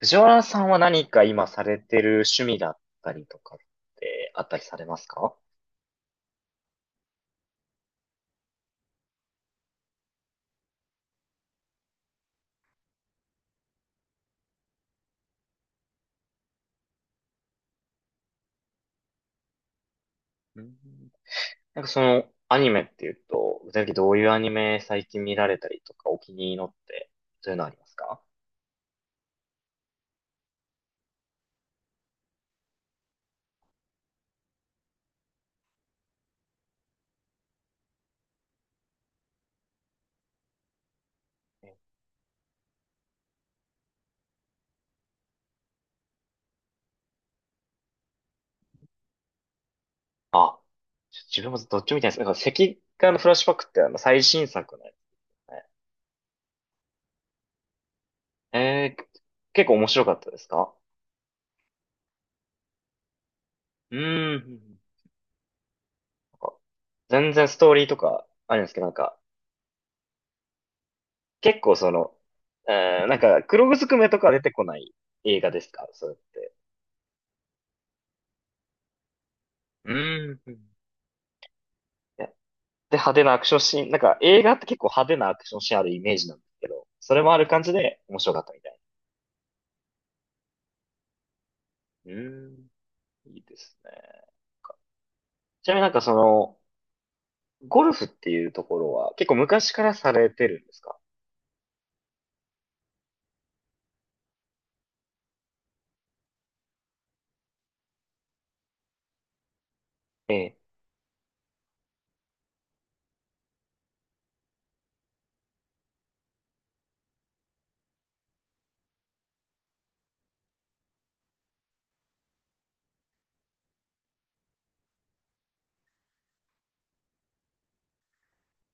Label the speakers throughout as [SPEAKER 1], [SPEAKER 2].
[SPEAKER 1] 藤原さんは何か今されてる趣味だったりとかってあったりされますか？うん。なんかそのアニメっていうと、具体的にどういうアニメ最近見られたりとかお気に入りのって、そういうのありますか？え、あ、ちょ自分もどっちも見たいです。なんか赤眼のフラッシュバックってあの最新作のやつね。えー、結構面白かったですか？うーん。ん、なんか全然ストーリーとかあるんですけど、なんか結構その、うん、なんか、黒ずくめとか出てこない映画ですかそうやって。うん、ね。で、派手なアクションシーン、なんか映画って結構派手なアクションシーンあるイメージなんですけど、それもある感じで面白かったみたい。うん。いいですね。ちなみになんかその、ゴルフっていうところは結構昔からされてるんですか？ええ。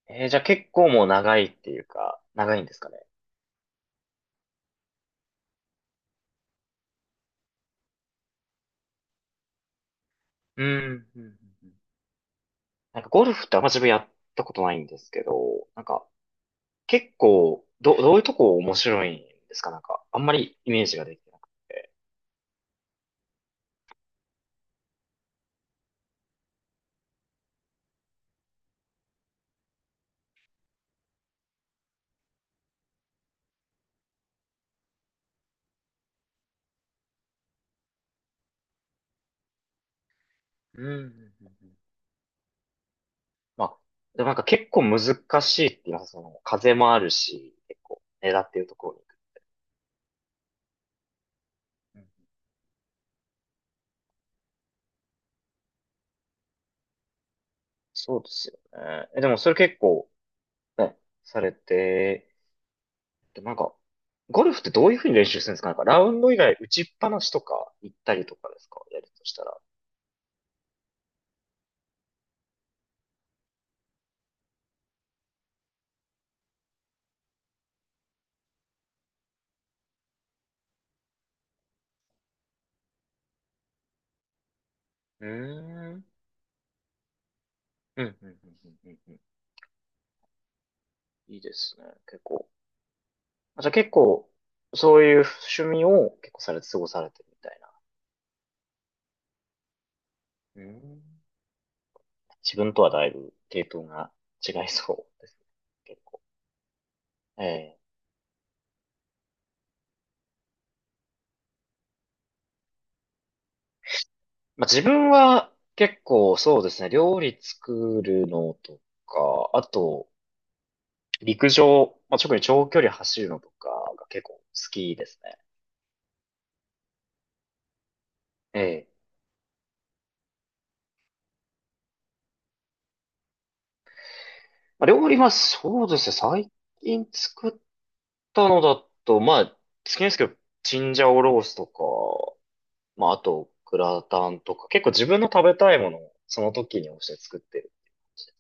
[SPEAKER 1] じゃあ結構もう長いっていうか、長いんですかね。うん。うんうんうん。なんかゴルフってあんま自分やったことないんですけど、なんか結構、どういうとこ面白いんですかなんか、あんまりイメージができてなくて。うんうんうんうん。まあ、でもなんか結構難しいって言います。その、風もあるし、結構、狙ってるところに行く。うん。そうですよね。え、でもそれ結構、ね、されて、でもなんか、ゴルフってどういうふうに練習するんですかなんか、ラウンド以外打ちっぱなしとか行ったりとかですかやるとしたら。うーんうんうんうんうんうんうん。いいですね、結構。まあじゃあ結構、そういう趣味を結構されて過ごされてるみたいな。うん。自分とはだいぶ系統が違いそうですね、結構。ええ。まあ、自分は結構そうですね、料理作るのとか、あと、陸上、まあ、特に長距離走るのとかが結構好きですね。ええ。まあ、料理はそうですね、最近作ったのだと、まあ、好きですけど、チンジャオロースとまあ、あと、グラタンとか、結構自分の食べたいものをその時に応じて作ってるっていう感じです。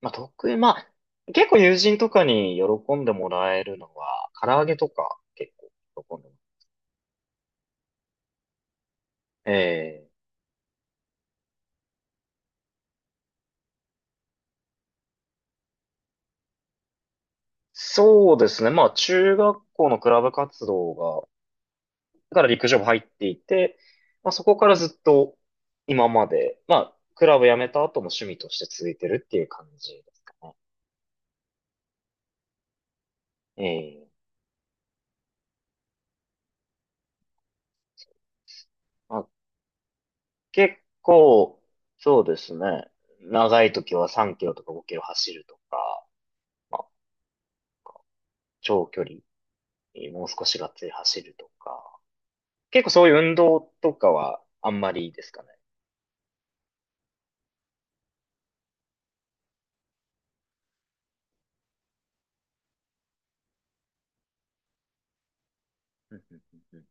[SPEAKER 1] まあ、得意、まあ、結構友人とかに喜んでもらえるのは、唐揚げとか結構喜んでもらえる。ええ。そうですね。まあ、中学校のクラブ活動が、だから陸上部入っていて、まあ、そこからずっと今まで、まあ、クラブ辞めた後も趣味として続いてるっていう感じですかね。ええ。まあ、結構、そうですね。長い時は3キロとか5キロ走るとか、まあ、長距離、もう少しがっつり走るとか、結構そういう運動とかはあんまりいいですかね。うんうんうん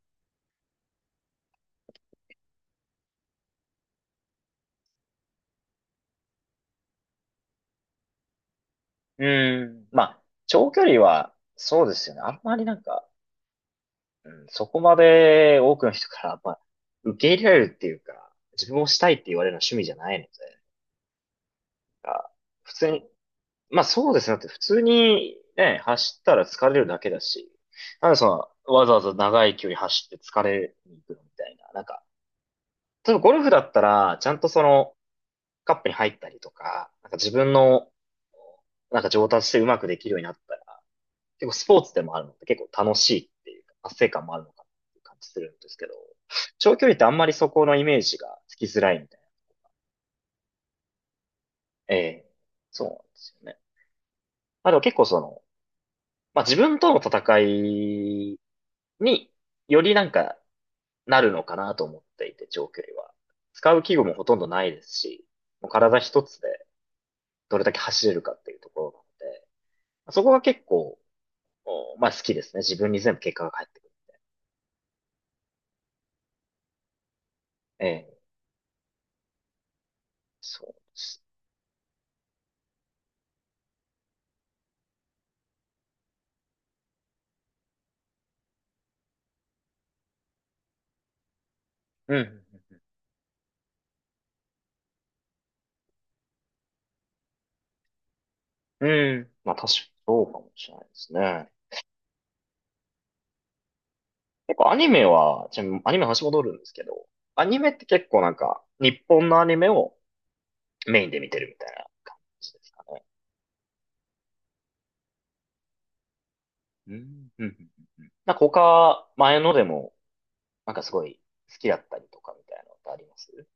[SPEAKER 1] うん。うーん。まあ、長距離は、そうですよね。あんまりなんか、うん、そこまで多くの人から、まあ、受け入れられるっていうか、自分をしたいって言われるのは趣味じゃないので、なんか普通に、まあそうですね。だって普通にね、走ったら疲れるだけだし、なんでその、わざわざ長い距離走って疲れに行くのみたいな。なんか、例えばゴルフだったら、ちゃんとその、カップに入ったりとか、なんか自分の、なんか上達してうまくできるようになったら、結構スポーツでもあるので結構楽しいっていうか、達成感もあるのかなっていう感じするんですけど、長距離ってあんまりそこのイメージがつきづらいみたいな。ええ、そうなんですよね。まあでも結構その、まあ自分との戦いによりなんかなるのかなと思っていて、長距離は。使う器具もほとんどないですし、もう体一つでどれだけ走れるかっていうところなので、そこが結構、おまあ好きですね。自分に全部結果が返ってくる。ええ、そうです。うん。うん。まあ確かにそうかもしれないですね。結構アニメは、ちなみにアニメの話戻るんですけど、アニメって結構なんか、日本のアニメをメインで見てるみたいな感じですかね。うん。うん。うんうん。なんか他、前のでもなんかすごい好きだったりとかみたいなのってあります？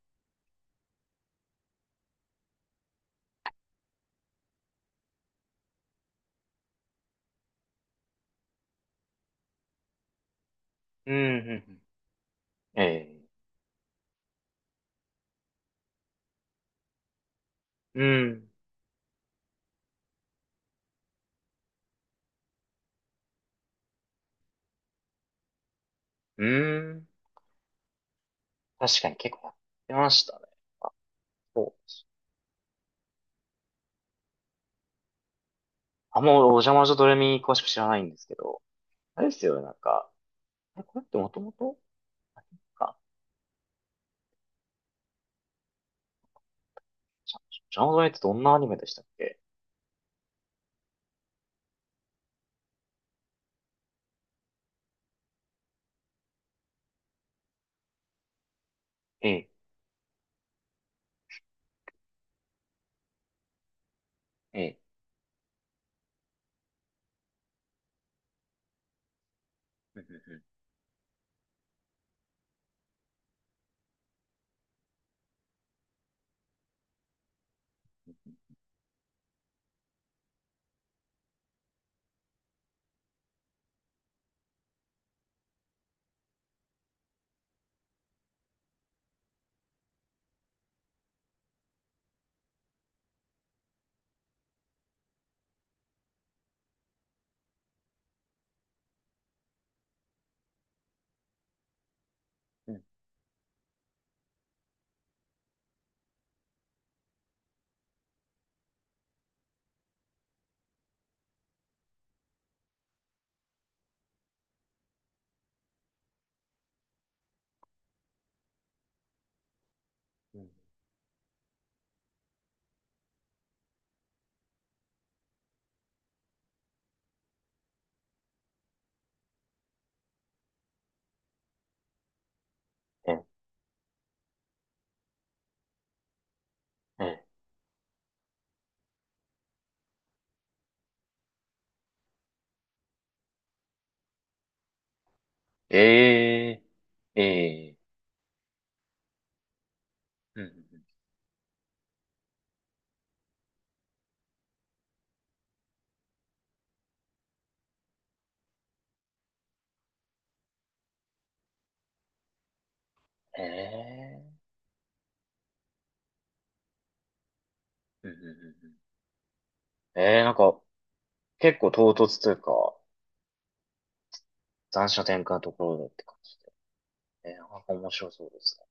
[SPEAKER 1] うん、ええ、うん、うん。うん。確かに結構やってましたね。そう、あんまお邪魔女ドレミ詳しく知らないんですけど、あれですよね、なんか、あれこれってもともとか、じゃ邪魔女ドレミってどんなアニメでしたっけ？ええ、ええ、うん、うん。ええ、ええ、ええ、え、うん、うん。え、ええ、うん、うん。うんうんうん。ええ、なんか結構唐突というか、残暑転換のところだって感じで。なんか面白そうですね。